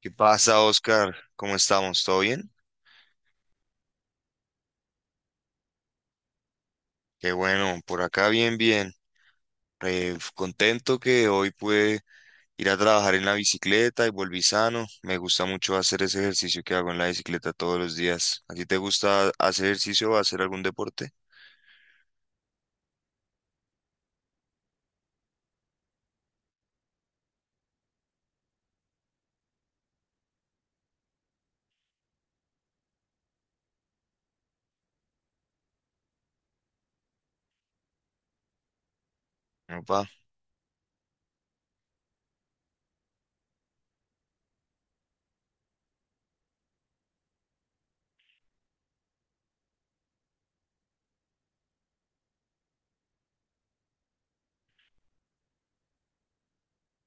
¿Qué pasa, Oscar? ¿Cómo estamos? ¿Todo bien? Qué bueno, por acá bien, bien. Contento que hoy pude ir a trabajar en la bicicleta y volví sano. Me gusta mucho hacer ese ejercicio que hago en la bicicleta todos los días. ¿A ti te gusta hacer ejercicio o hacer algún deporte? Opa,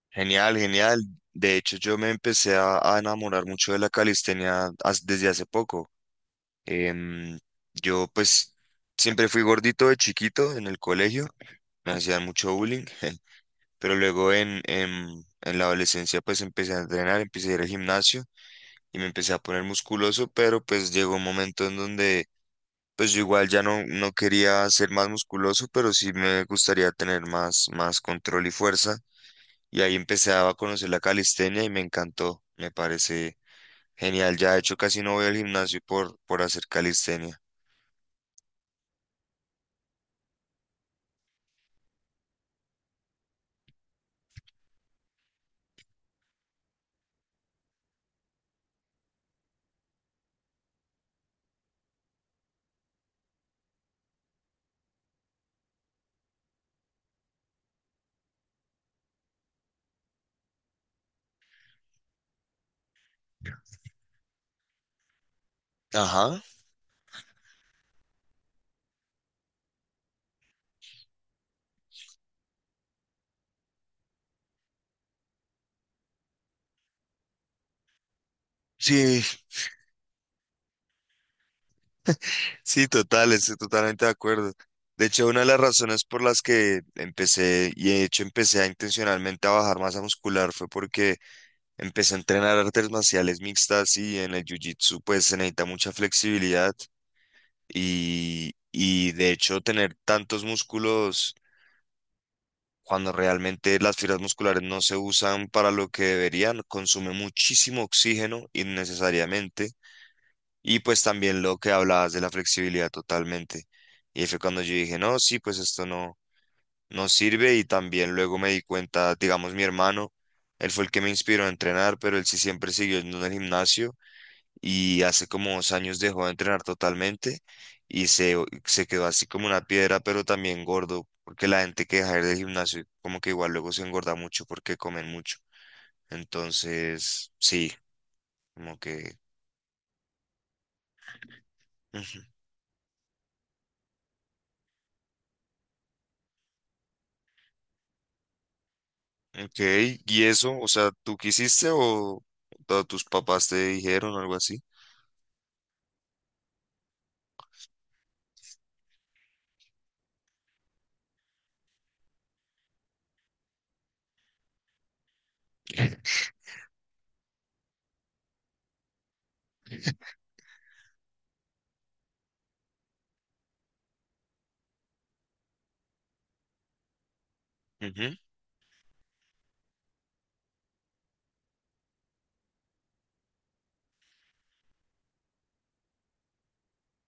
genial, genial. De hecho, yo me empecé a enamorar mucho de la calistenia desde hace poco. Em, yo pues siempre fui gordito de chiquito en el colegio. Me hacían mucho bullying, pero luego en la adolescencia pues empecé a entrenar, empecé a ir al gimnasio y me empecé a poner musculoso, pero pues llegó un momento en donde pues yo igual ya no quería ser más musculoso, pero sí me gustaría tener más control y fuerza. Y ahí empecé a conocer la calistenia y me encantó, me parece genial. Ya de hecho casi no voy al gimnasio por hacer calistenia. Ajá. Sí. Sí, total, estoy totalmente de acuerdo. De hecho, una de las razones por las que empecé, y de hecho empecé a intencionalmente a bajar masa muscular, fue porque empecé a entrenar artes marciales mixtas y en el jiu-jitsu pues se necesita mucha flexibilidad y de hecho tener tantos músculos cuando realmente las fibras musculares no se usan para lo que deberían, consume muchísimo oxígeno innecesariamente y pues también lo que hablabas de la flexibilidad totalmente. Y ahí fue cuando yo dije, no, sí, pues esto no sirve. Y también luego me di cuenta, digamos, mi hermano, él fue el que me inspiró a entrenar, pero él sí siempre siguió en el gimnasio y hace como 2 años dejó de entrenar totalmente y se, se quedó así como una piedra, pero también gordo, porque la gente que deja de ir del gimnasio como que igual luego se engorda mucho porque comen mucho. Entonces, sí, como que... Ujú. Ok, ¿y eso? O sea, ¿tú quisiste o tus papás te dijeron algo así? Ujú.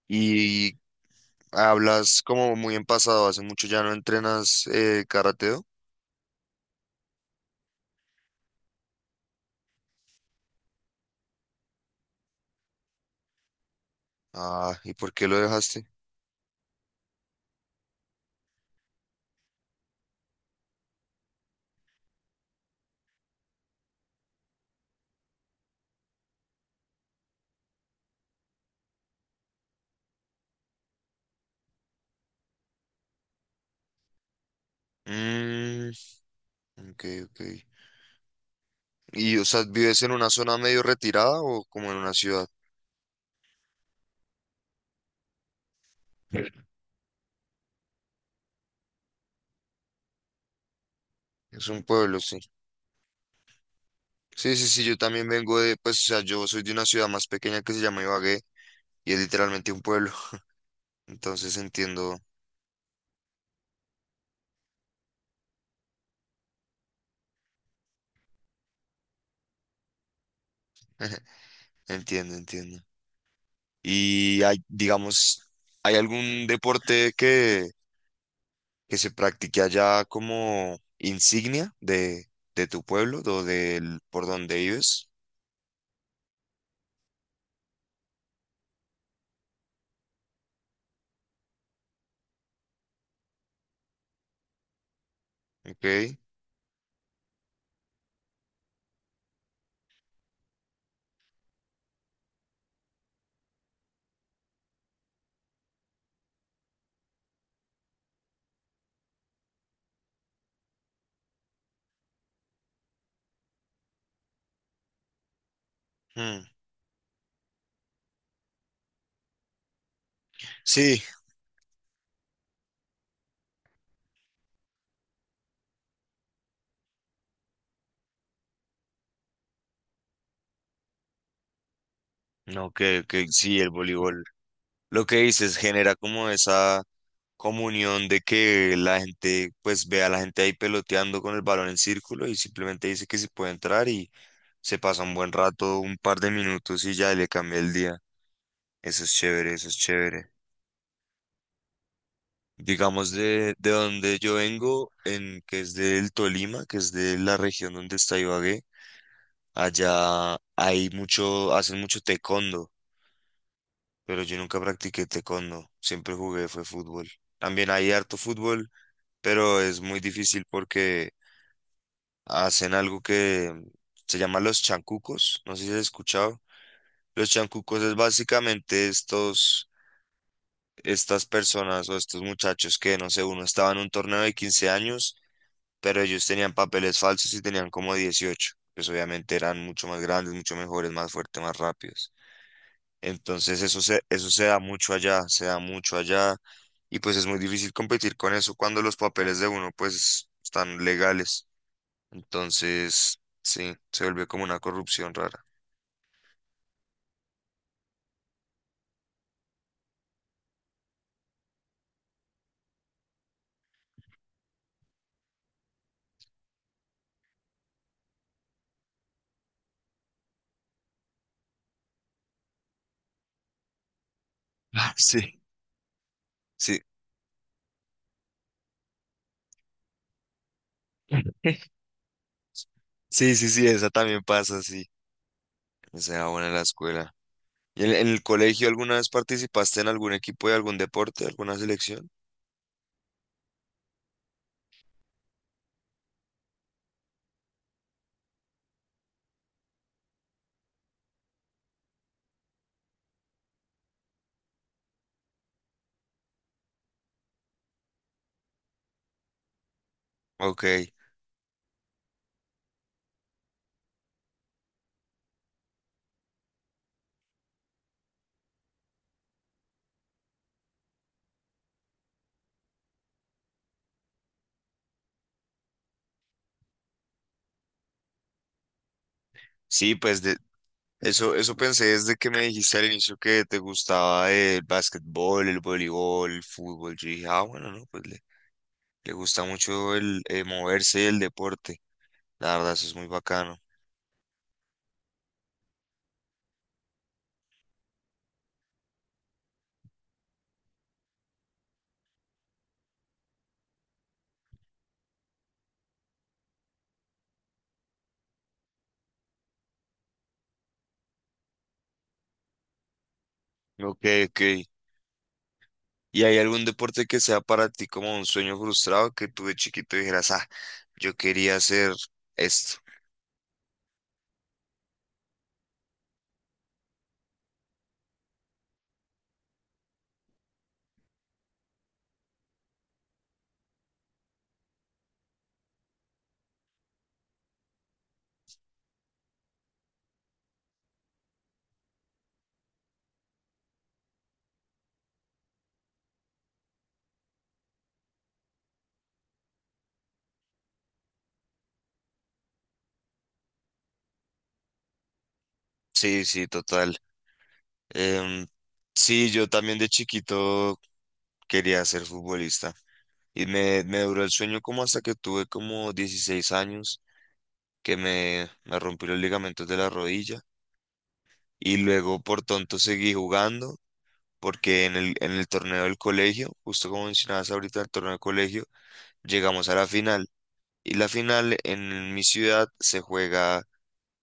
Y hablas como muy en pasado, hace mucho ya no entrenas karateo. Ah, ¿y por qué lo dejaste? Mm, ok, ok. ¿Y, o sea, vives en una zona medio retirada o como en una ciudad? Es un pueblo, sí. Sí, sí, sí, yo también vengo de, pues, o sea, yo soy de una ciudad más pequeña que se llama Ibagué y es literalmente un pueblo. Entonces entiendo, entiendo, entiendo. Y hay, digamos, ¿hay algún deporte que se practique allá como insignia de tu pueblo o del por donde vives? Ok. Hmm. Sí, no, que sí, el voleibol. Lo que dices genera como esa comunión de que la gente, pues ve a la gente ahí peloteando con el balón en círculo y simplemente dice que se puede entrar y se pasa un buen rato, un par de minutos y ya le cambia el día. Eso es chévere, eso es chévere. Digamos, de donde yo vengo, que es del Tolima, que es de la región donde está Ibagué, allá hay mucho, hacen mucho taekwondo, pero yo nunca practiqué taekwondo, siempre jugué, fue fútbol. También hay harto fútbol, pero es muy difícil porque hacen algo que se llama los chancucos, no sé si has escuchado. Los chancucos es básicamente estas personas o estos muchachos que, no sé, uno estaba en un torneo de 15 años pero ellos tenían papeles falsos y tenían como 18, pues obviamente eran mucho más grandes, mucho mejores, más fuertes, más rápidos. Entonces eso se da mucho allá, se da mucho allá y pues es muy difícil competir con eso cuando los papeles de uno pues están legales. Entonces, sí, se vuelve como una corrupción rara. Ah, sí, sí, esa también pasa, sí. Se da buena en la escuela. ¿Y en el colegio alguna vez participaste en algún equipo de algún deporte, alguna selección? Ok, sí, pues eso pensé desde que me dijiste al inicio que te gustaba el básquetbol, el voleibol, el fútbol. Yo dije, ah, bueno, no, pues le gusta mucho el moverse y el deporte. La verdad, eso es muy bacano. Ok, ok. ¿Y hay algún deporte que sea para ti como un sueño frustrado que tú de chiquito dijeras, ah, yo quería hacer esto? Sí, sí, total. Em, sí, yo también de chiquito quería ser futbolista. Y me duró el sueño como hasta que tuve como 16 años que me rompí los ligamentos de la rodilla y luego por tonto seguí jugando porque en el torneo del colegio, justo como mencionabas ahorita, el torneo del colegio, llegamos a la final y la final en mi ciudad se juega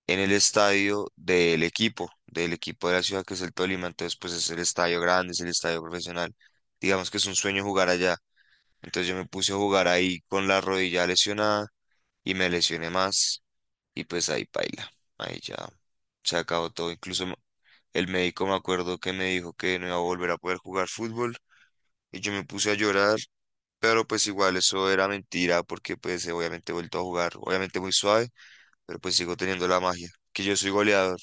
en el estadio del equipo de la ciudad que es el Tolima, entonces pues es el estadio grande, es el estadio profesional, digamos que es un sueño jugar allá, entonces yo me puse a jugar ahí con la rodilla lesionada y me lesioné más. Y pues ahí paila, ahí ya se acabó todo. Incluso me- el médico me acuerdo que me dijo que no iba a volver a poder jugar fútbol y yo me puse a llorar, pero pues igual eso era mentira porque pues obviamente he vuelto a jugar, obviamente muy suave, pero pues sigo teniendo la magia, que yo soy goleador,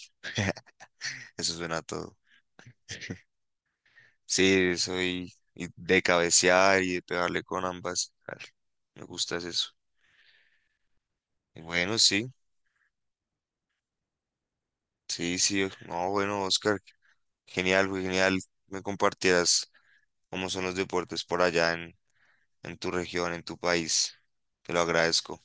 eso suena a todo. Sí, soy y de cabecear y de pegarle con ambas, claro, me gusta es eso. Bueno, sí, sí, sí, no, bueno, Oscar, genial, güey, genial, me compartieras cómo son los deportes por allá en tu región, en tu país. Te lo agradezco.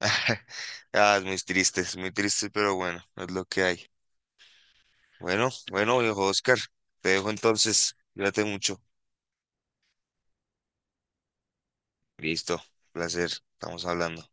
Ah, es muy triste, pero bueno, es lo que hay. Bueno, bueno, viejo Oscar, te dejo entonces. Cuídate mucho. Listo, placer, estamos hablando.